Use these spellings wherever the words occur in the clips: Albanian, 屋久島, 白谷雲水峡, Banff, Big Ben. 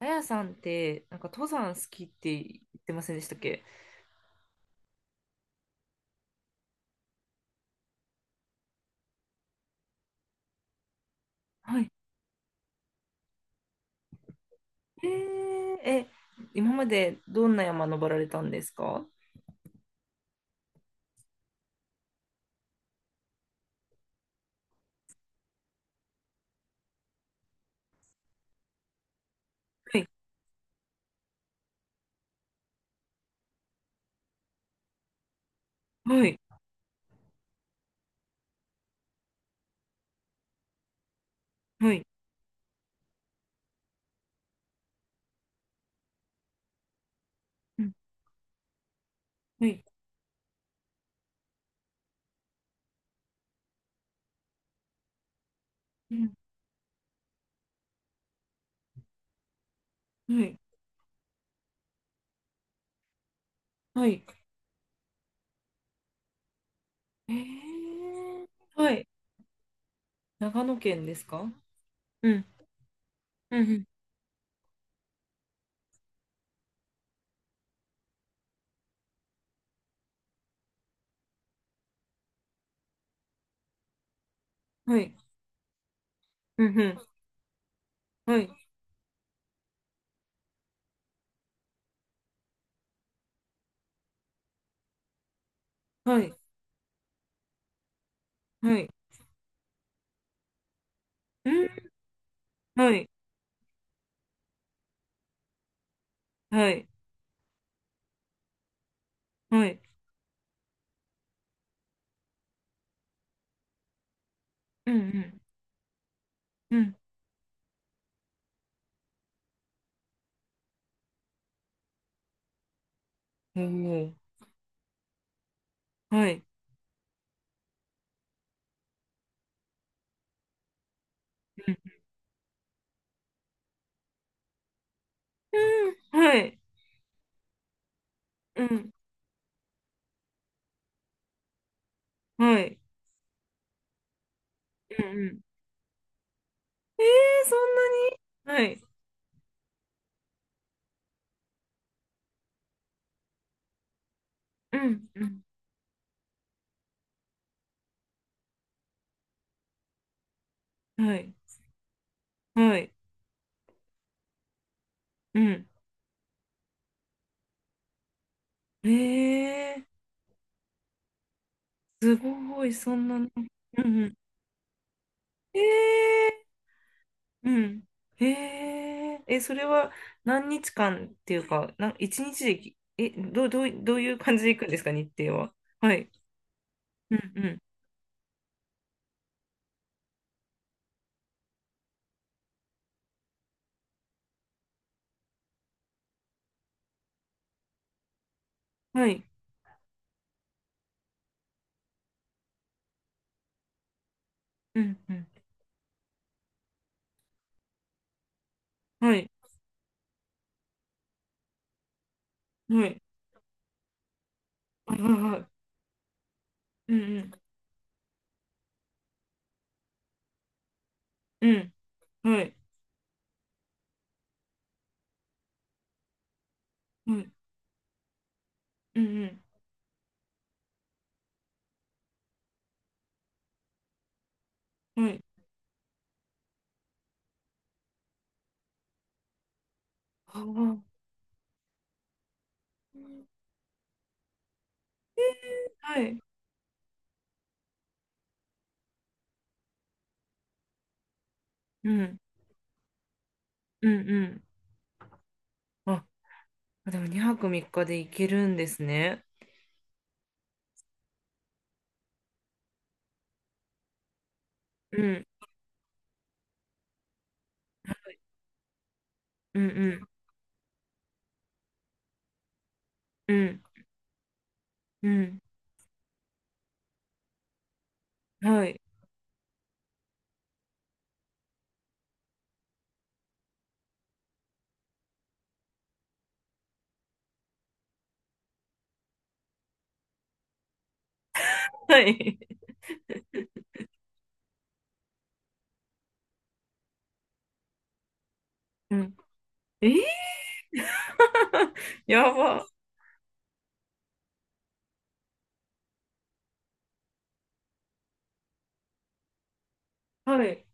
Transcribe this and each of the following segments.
あやさんって、なんか登山好きって言ってませんでしたっけ？はい。えー、え、今までどんな山登られたんですか？はい、はい、はい、うん、はい、うん、はい、はい。えー、はい。長野県ですか？うん、うん、うん、はい、うん、うん、はい、はい、はい、うん、はい、はい、はい、うん、うん、うん、おー、はい、うん、うん、はい、うん、はい、うん、うん、えー、そんなに、はい。うん、うん。はい。はい。うん。えー、すごい、そんなの。うんうん。えー、うん。えそれは何日間っていうか、な、一日でき、え、どういう感じで行くんですか、日程は？はい。うんうん。はい。うんうん。はい。はい。はいはいはい。うんうん。うん。はい。はい。うんうん。はい。ああ。はい。うん。うんうん。あ、あでも2泊3日で行けるんですね。うん、うん、うん、うん、うん。はい。はい。うん。えー やば。はい。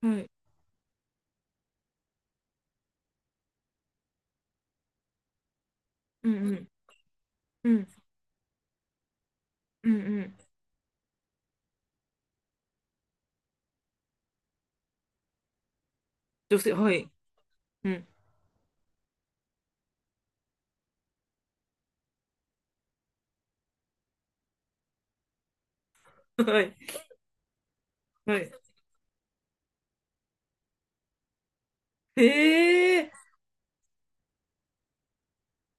はい。うん、うん、うん、うん、うん。女性、はい。うん。はい。はい。ええ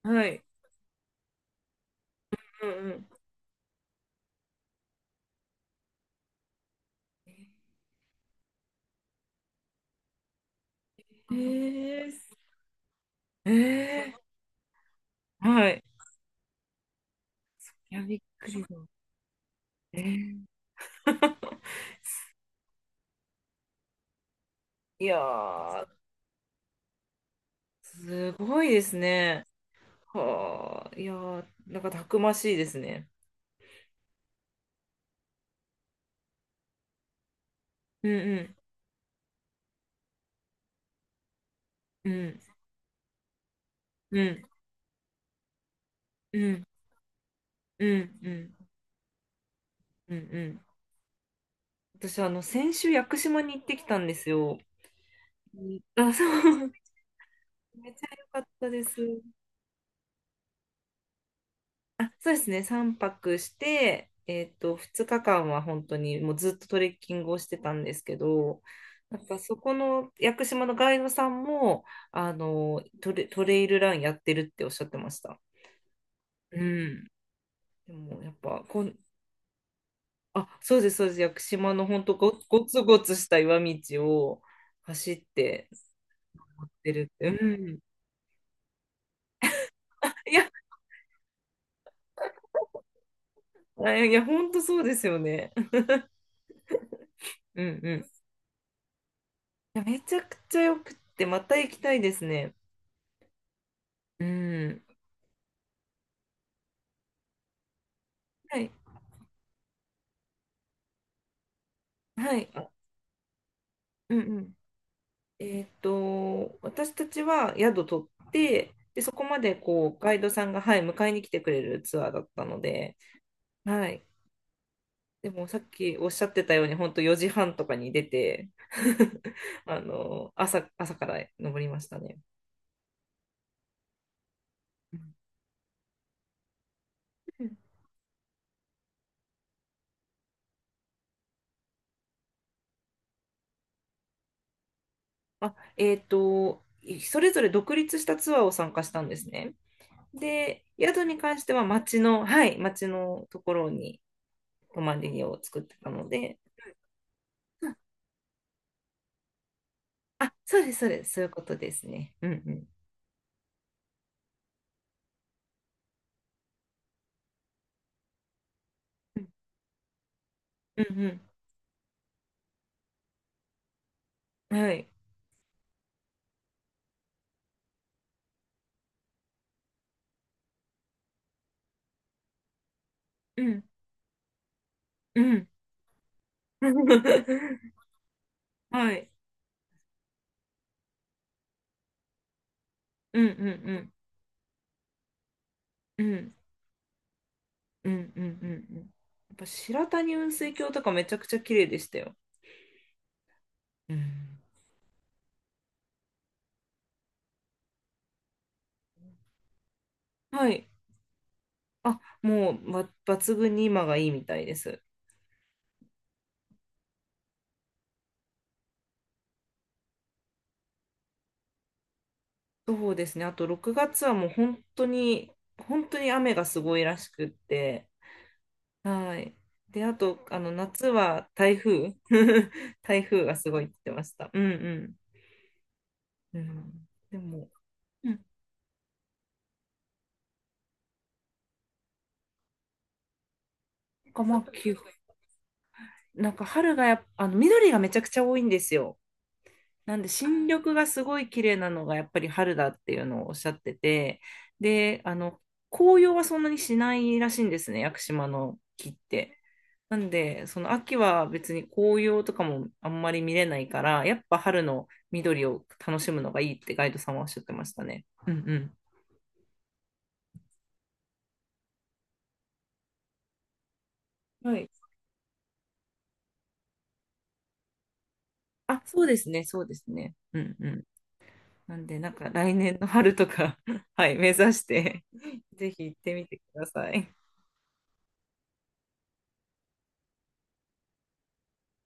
ー。はい。うん、うん。ええー。えー。はい。いや、びっくりだ。えー いやー、すごいですね。はあ、いやー、なんかたくましいですね。うんうん。うんうん、うん、うん、うん、うん、うん。私、あの、先週、屋久島に行ってきたんですよ。うん、あ、そう、めっちゃ良かったです。あ、そうですね、3泊して、2日間は本当にもうずっとトレッキングをしてたんですけど、なんかそこの屋久島のガイドさんも、あの、トレイルランやってるっておっしゃってました。うん。でも、やっぱこん、あ、そうです、そうです。屋久島の本当ごつごつした岩道を走って出るって。うん。いや、あ、いや、本当そうですよね。うんうん。いや、めちゃくちゃよくって、また行きたいですね。うん。はい。はい。あ、うんうん。私たちは宿取って、で、そこまでこう、ガイドさんが、はい、迎えに来てくれるツアーだったので、はい。でもさっきおっしゃってたように、本当4時半とかに出て、あの、朝から登りましたね。うん、あ、それぞれ独立したツアーを参加したんですね。で、宿に関しては町の、はい、町のところに泊まりを作ってたので、あ、そうです、そうです、そういうことですね。うんうん。うんうん。はい。うんうん。はい。うんうんうん。うん。うんうんうんうん。やっぱ白谷雲水峡とかめちゃくちゃ綺麗でしたよ。うん。はい。あ、もう、ば抜群に今がいいみたいです。そうですね。あと6月はもう本当に、本当に雨がすごいらしくって。はい。で、あと、あの、夏は台風。台風がすごいって言ってました。うんうん。うん、でも、うん、なんかまあ、きゅなんか春がやっぱ、あの、緑がめちゃくちゃ多いんですよ。なんで新緑がすごい綺麗なのがやっぱり春だっていうのをおっしゃってて、で、あの、紅葉はそんなにしないらしいんですね、屋久島の木って。なんで、その秋は別に紅葉とかもあんまり見れないから、やっぱ春の緑を楽しむのがいいってガイドさんはおっしゃってましたね。うんうん。はい。あ、そうですね、そうですね。うんうん。なんで、なんか来年の春とか はい、目指して ぜひ行ってみてください。